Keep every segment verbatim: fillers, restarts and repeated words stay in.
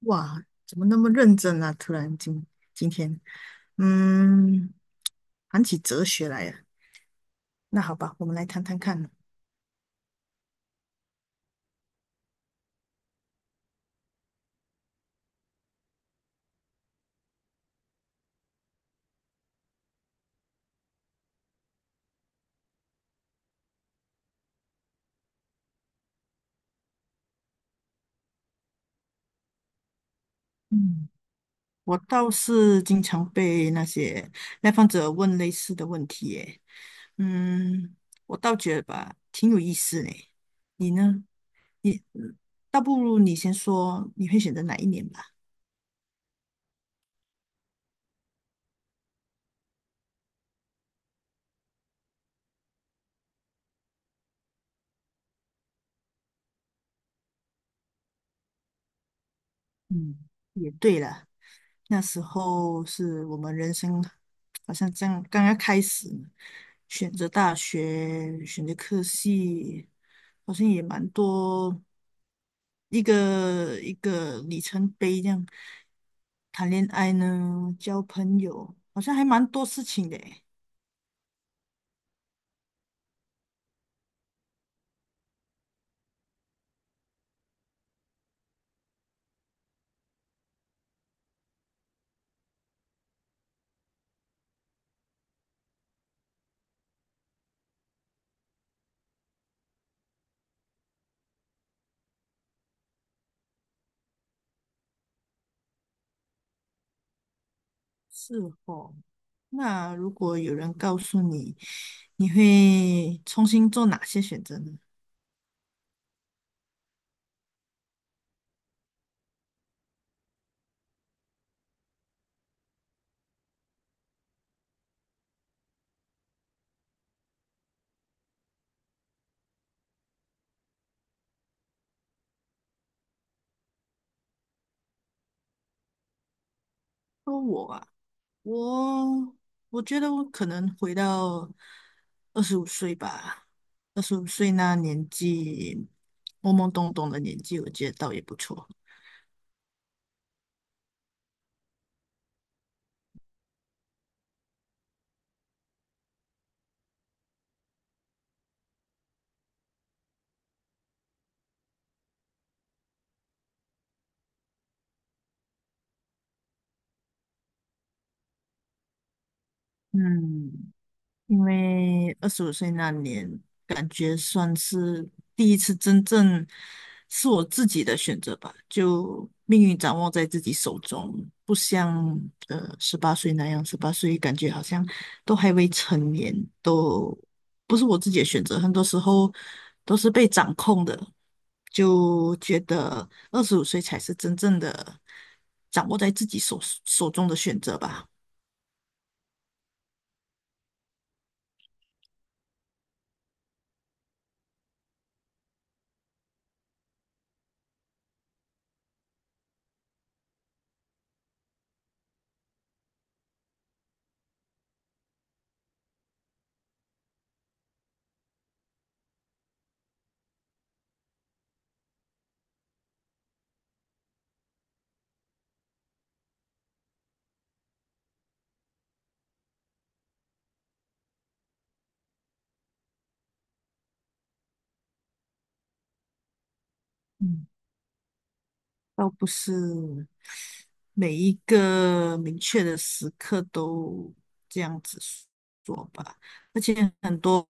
哇，怎么那么认真啊？突然今今天，嗯，谈起哲学来了。那好吧，我们来谈谈看。嗯，我倒是经常被那些来访者问类似的问题耶。嗯，我倒觉得吧，挺有意思嘞。你呢？你，嗯倒不如你先说，你会选择哪一年吧？嗯，也对了。那时候是我们人生好像这样刚刚开始选择大学，选择科系，好像也蛮多一个一个里程碑这样。谈恋爱呢，交朋友，好像还蛮多事情的诶。是哦，那如果有人告诉你，你会重新做哪些选择呢？说我啊。我我觉得我可能回到二十五岁吧，二十五岁那年纪，懵懵懂懂的年纪，我觉得倒也不错。嗯，因为二十五岁那年，感觉算是第一次真正是我自己的选择吧，就命运掌握在自己手中，不像呃十八岁那样，十八岁感觉好像都还未成年，都不是我自己的选择，很多时候都是被掌控的，就觉得二十五岁才是真正的掌握在自己手手中的选择吧。嗯，倒不是。每一个明确的时刻都这样子做吧，而且很多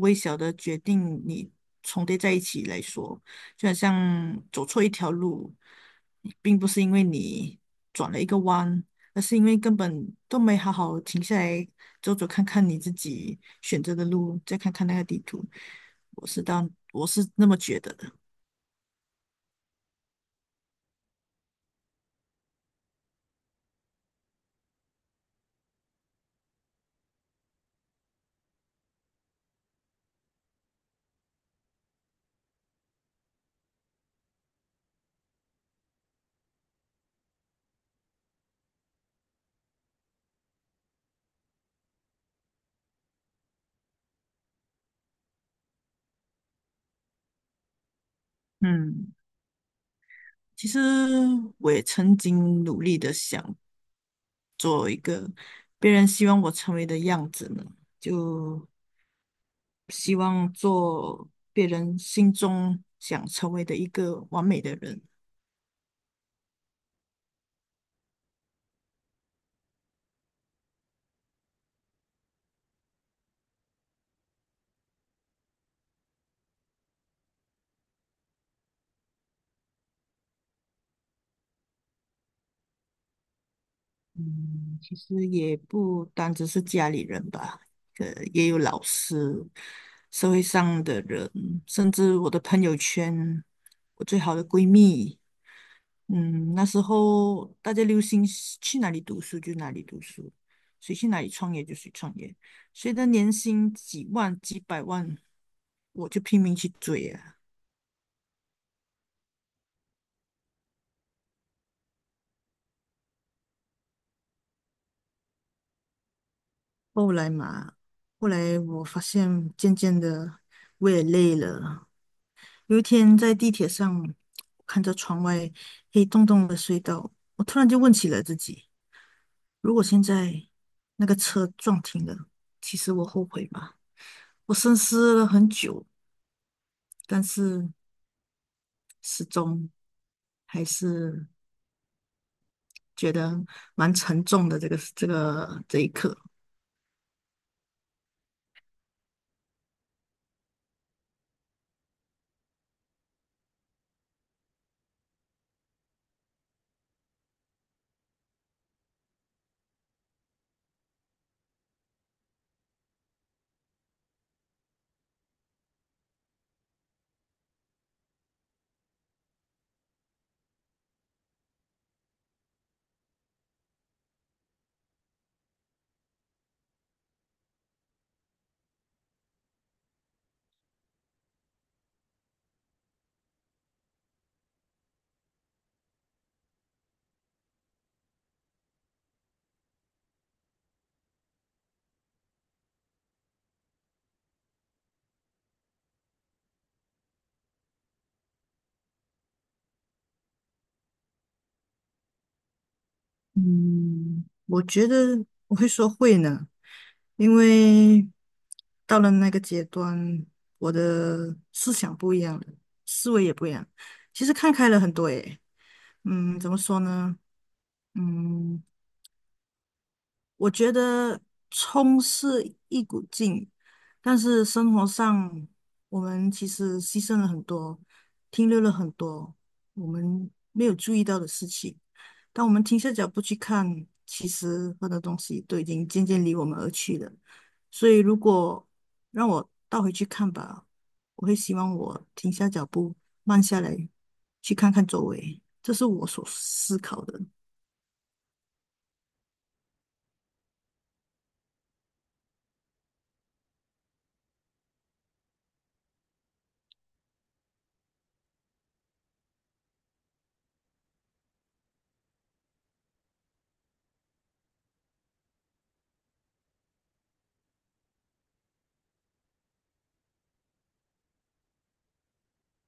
微小的决定你重叠在一起来说，就好像走错一条路，并不是因为你转了一个弯，而是因为根本都没好好停下来走走看看你自己选择的路，再看看那个地图。我是当我是那么觉得的。嗯。其实我也曾经努力的想做一个别人希望我成为的样子呢？就希望做别人心中想成为的一个完美的人。嗯，其实也不单只是家里人吧，呃，也有老师、社会上的人，甚至我的朋友圈，我最好的闺蜜。嗯，那时候大家流行是去哪里读书就哪里读书，谁去哪里创业就谁创业，谁的年薪几万几百万，我就拼命去追啊。后来嘛，后来我发现渐渐的我也累了。有一天在地铁上看着窗外黑洞洞的隧道，我突然就问起了自己：如果现在那个车撞停了，其实我后悔吗？我深思了很久，但是。失踪，还是觉得蛮沉重的这个这个这一刻。嗯，我觉得我会说会呢，因为到了那个阶段，我的思想不一样了，思维也不一样，其实看开了很多诶。嗯，怎么说呢？嗯，我觉得冲是一股劲，但是生活上我们其实牺牲了很多，停留了很多我们没有注意到的事情。当我们停下脚步去看，其实很多东西都已经渐渐离我们而去了。所以，如果让我倒回去看吧，我会希望我停下脚步，慢下来，去看看周围。这是我所思考的。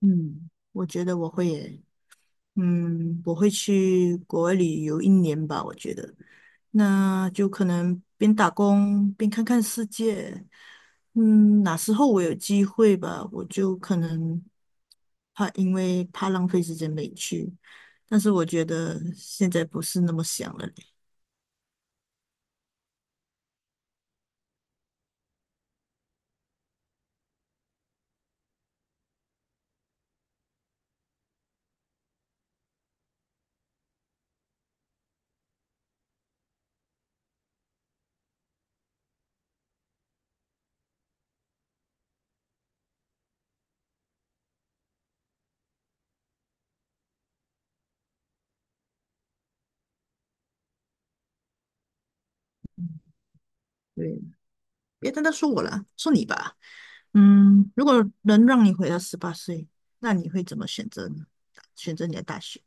嗯，我觉得我会耶。嗯，我会去国外旅游一年吧，我觉得，那就可能边打工边看看世界。嗯，哪时候我有机会吧，我就可能怕，因为怕浪费时间没去。但是我觉得现在不是那么想了嘞。对，别单单说我了，说你吧。嗯，如果能让你回到十八岁，那你会怎么选择呢？选择你的大学？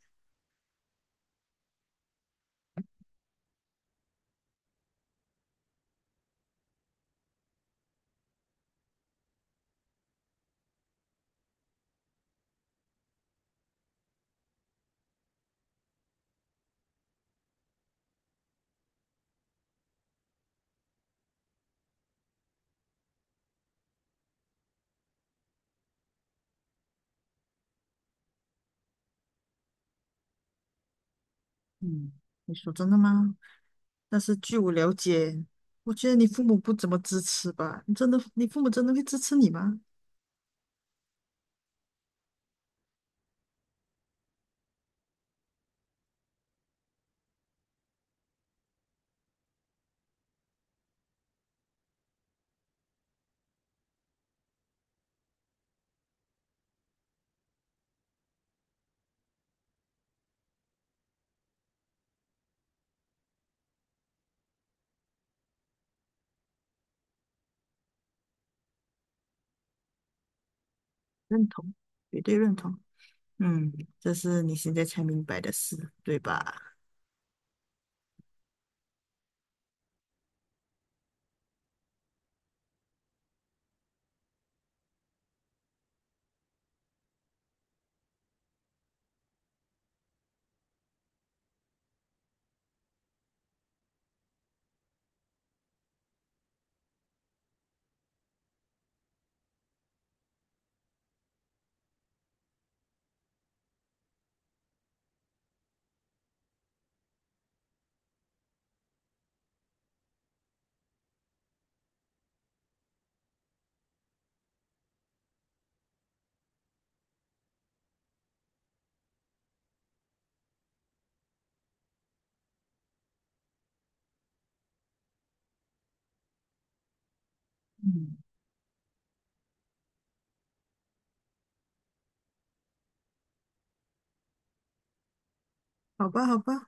嗯。你说真的吗？但是据我了解，我觉得你父母不怎么支持吧？你真的，你父母真的会支持你吗？认同，绝对认同。嗯，这是你现在才明白的事，对吧？嗯，好吧，好吧。